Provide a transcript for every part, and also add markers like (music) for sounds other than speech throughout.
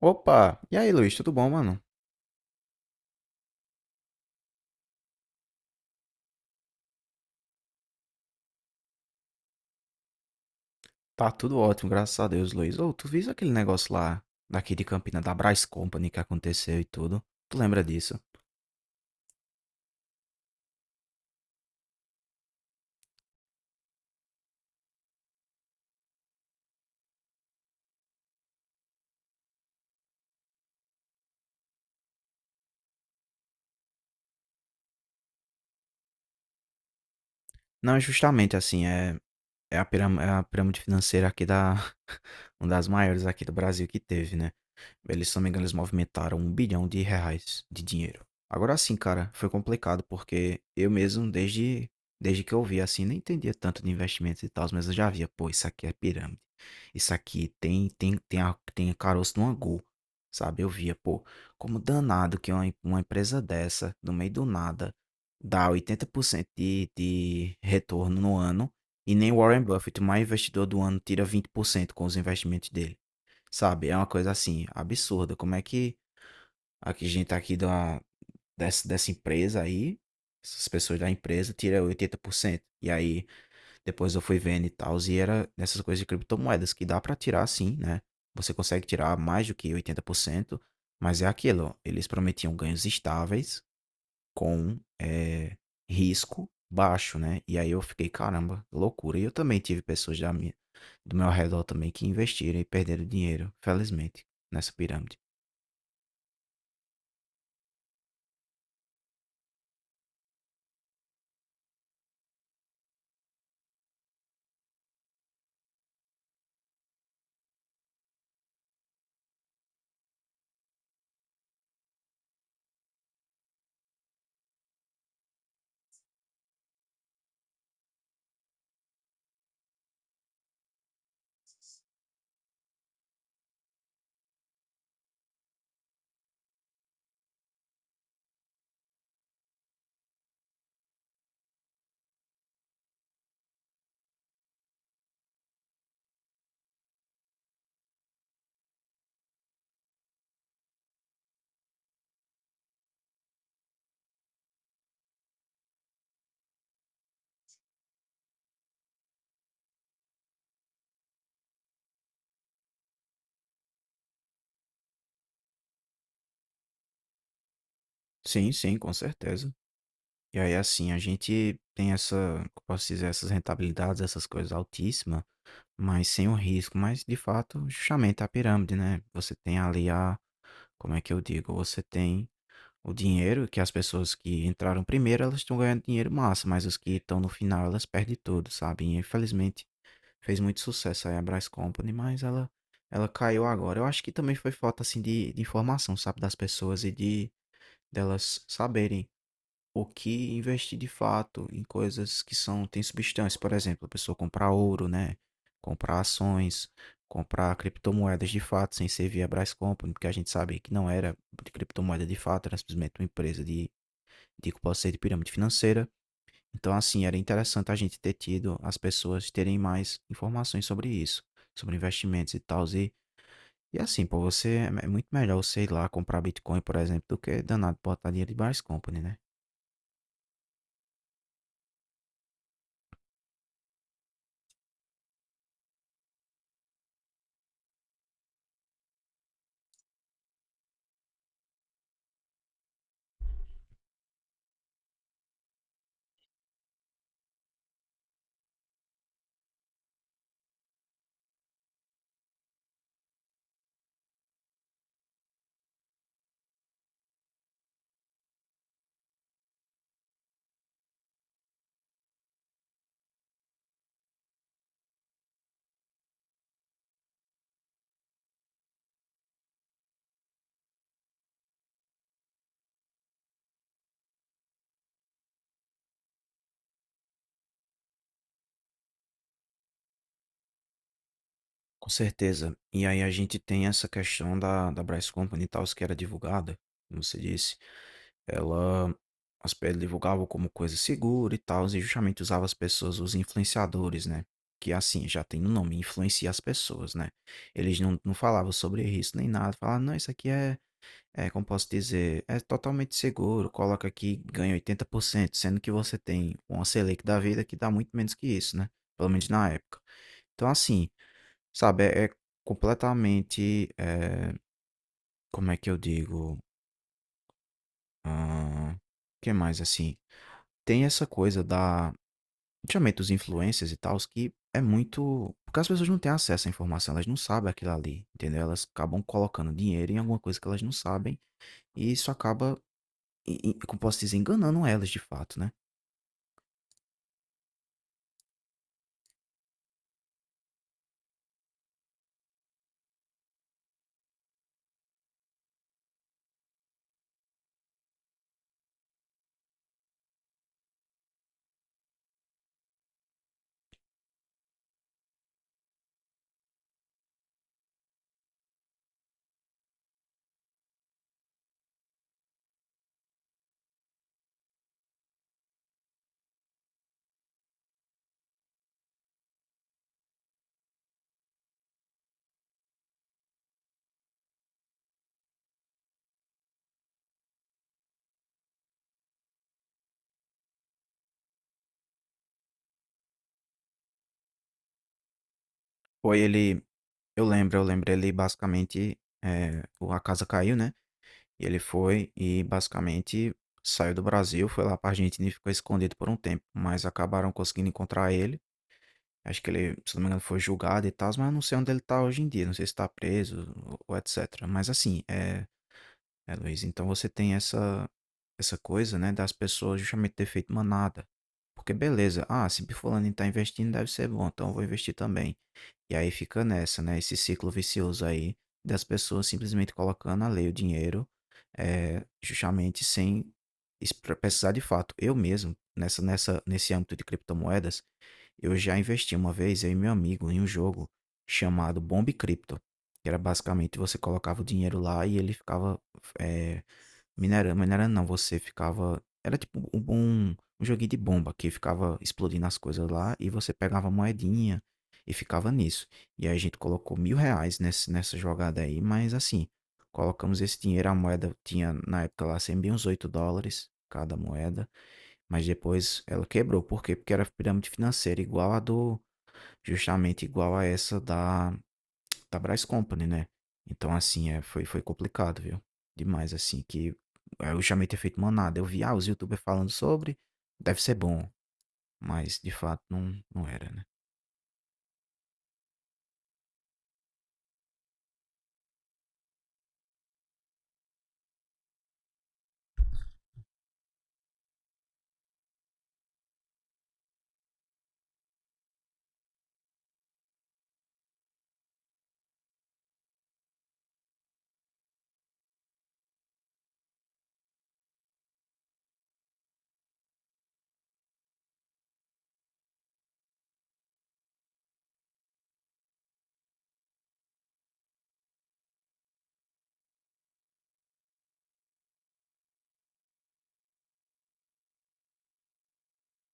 Opa! E aí, Luiz, tudo bom, mano? Tá tudo ótimo, graças a Deus, Luiz. Ô, tu viu aquele negócio lá, daqui de Campina, da Brás Company que aconteceu e tudo? Tu lembra disso? Não, é justamente assim, a é a pirâmide financeira aqui da. (laughs) Uma das maiores aqui do Brasil que teve, né? Eles, se não me engano, eles movimentaram 1 bilhão de reais de dinheiro. Agora sim, cara, foi complicado porque eu mesmo, desde que eu vi assim, nem entendia tanto de investimentos e tal, mas eu já via, pô, isso aqui é pirâmide. Isso aqui tem caroço no angu, sabe? Eu via, pô, como danado que uma empresa dessa, no meio do nada, dá 80% de retorno no ano e nem Warren Buffett, o maior investidor do ano, tira 20% com os investimentos dele. Sabe, é uma coisa assim, absurda. Como é que a que gente tá aqui dessa empresa aí, essas pessoas da empresa, tira 80%. E aí, depois eu fui vendo e tal, e era nessas coisas de criptomoedas, que dá pra tirar sim, né? Você consegue tirar mais do que 80%, mas é aquilo, ó, eles prometiam ganhos estáveis, com, risco baixo, né. E aí eu fiquei: "Caramba, loucura". E eu também tive pessoas da minha do meu redor também que investiram e perderam dinheiro, felizmente, nessa pirâmide. Sim, sim, com certeza. E aí, assim, a gente tem essa, como posso dizer? Essas rentabilidades, essas coisas altíssimas, mas sem o risco. Mas, de fato, justamente a pirâmide, né, você tem ali a, como é que eu digo? Você tem o dinheiro que as pessoas que entraram primeiro, elas estão ganhando dinheiro massa, mas os que estão no final, elas perdem tudo, sabe? E, infelizmente, fez muito sucesso aí a Brás Company, mas ela caiu agora. Eu acho que também foi falta, assim, de informação, sabe? Das pessoas e de delas saberem o que investir de fato em coisas que são, tem substância. Por exemplo, a pessoa comprar ouro, né? Comprar ações, comprar criptomoedas de fato, sem ser via Brás Company, porque a gente sabe que não era de criptomoeda de fato, era simplesmente uma empresa de que pode ser de pirâmide financeira. Então, assim, era interessante a gente ter tido as pessoas terem mais informações sobre isso, sobre investimentos e tal. E assim, pô, você é muito melhor você ir lá comprar Bitcoin, por exemplo, do que danado botar dinheiro de Brás Company, né? Com certeza. E aí a gente tem essa questão da Brás Company e tal, que era divulgada, como você disse. Ela as pe divulgava como coisa segura e tal e justamente usava as pessoas, os influenciadores, né, que assim, já tem no nome, influencia as pessoas, né. Eles não falavam sobre risco nem nada, falavam: "Não, isso aqui é, como posso dizer, é totalmente seguro, coloca aqui, ganha 80%, sendo que você tem uma Selic da vida que dá muito menos que isso, né, pelo menos na época." Então assim, sabe, é completamente, como é que eu digo? hã, que mais assim? Tem essa coisa da, principalmente dos influencers e tals, que é muito porque as pessoas não têm acesso à informação, elas não sabem aquilo ali, entendeu? Elas acabam colocando dinheiro em alguma coisa que elas não sabem, e isso acaba, e como posso dizer, enganando elas de fato, né. Foi ele, eu lembro ele basicamente, eh, o a casa caiu, né, e ele foi e basicamente saiu do Brasil, foi lá pra Argentina e ficou escondido por um tempo, mas acabaram conseguindo encontrar ele. Acho que ele, se não me engano, foi julgado e tal, mas eu não sei onde ele tá hoje em dia, não sei se tá preso ou etc. Mas assim, Luiz, então você tem essa coisa, né, das pessoas justamente ter feito manada. Porque beleza, ah, se fulano tá investindo, deve ser bom, então eu vou investir também. E aí fica nessa, né, esse ciclo vicioso aí das pessoas simplesmente colocando a lei o dinheiro, é, justamente sem precisar de fato. Eu mesmo, nesse âmbito de criptomoedas, eu já investi uma vez, eu e meu amigo, em um jogo chamado Bomb Crypto, que era basicamente você colocava o dinheiro lá e ele ficava eh, minerando, minerando não, você ficava, era tipo um joguinho de bomba que ficava explodindo as coisas lá e você pegava moedinha e ficava nisso. E aí a gente colocou 1.000 reais nesse, nessa jogada aí, mas assim, colocamos esse dinheiro, a moeda tinha na época lá sempre uns 8 dólares cada moeda. Mas depois ela quebrou. Por quê? Porque era pirâmide financeira igual a do, justamente igual a essa da Brás Company, né? Então, assim, é, foi complicado, viu? Demais, assim, que é, eu chamei ter feito manada. Eu vi, ah, os YouTubers falando sobre, deve ser bom, mas de fato não, não era, né?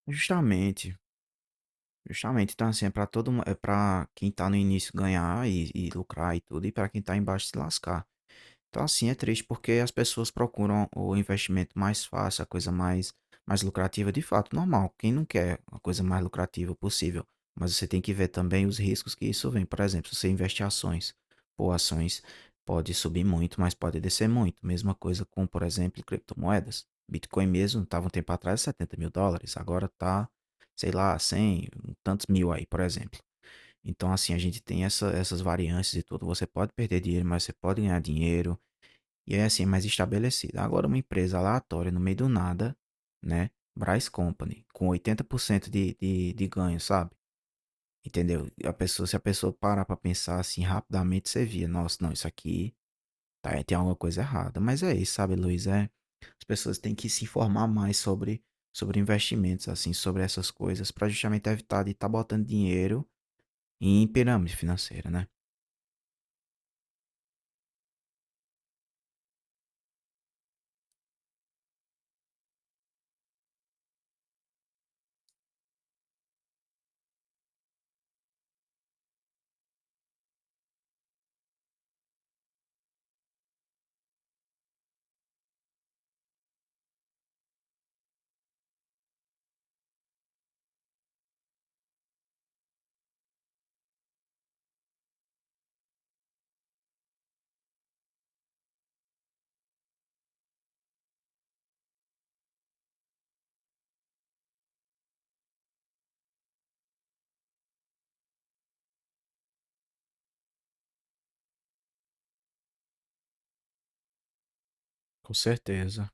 Justamente, justamente. Então, assim, é pra quem tá no início ganhar e lucrar e tudo, e pra quem tá embaixo se lascar. Então, assim, é triste porque as pessoas procuram o investimento mais fácil, a coisa mais lucrativa, de fato, normal. Quem não quer a coisa mais lucrativa possível? Mas você tem que ver também os riscos que isso vem. Por exemplo, se você investe em ações, pô, ações pode subir muito, mas pode descer muito. Mesma coisa com, por exemplo, criptomoedas. Bitcoin mesmo estava um tempo atrás 70.000 dólares, agora tá, sei lá, 100 um tantos mil aí, por exemplo. Então, assim, a gente tem essas variâncias e tudo. Você pode perder dinheiro, mas você pode ganhar dinheiro. E é assim, mais estabelecida. Agora, uma empresa aleatória, no meio do nada, né? Brás Company, com 80% de ganho, sabe? Entendeu? E se a pessoa parar pra pensar assim rapidamente, você via, nossa, não, isso aqui tá, tem alguma coisa errada. Mas é isso, sabe, Luiz? É, as pessoas têm que se informar mais sobre, sobre investimentos, assim, sobre essas coisas, pra justamente evitar de estar botando dinheiro em pirâmide financeira, né? Com certeza.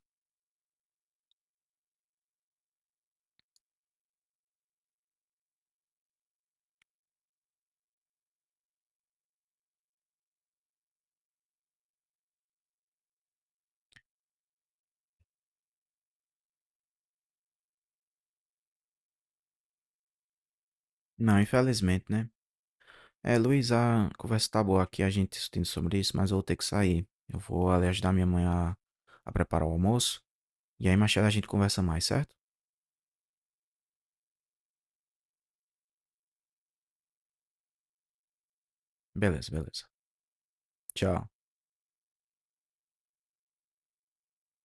Não, infelizmente, né? É, Luiz, a conversa tá boa aqui, a gente discutindo sobre isso, mas eu vou ter que sair. Eu vou ali ajudar minha mãe a preparar o almoço. E aí, mais tarde a gente conversa mais, certo? Beleza, beleza. Tchau.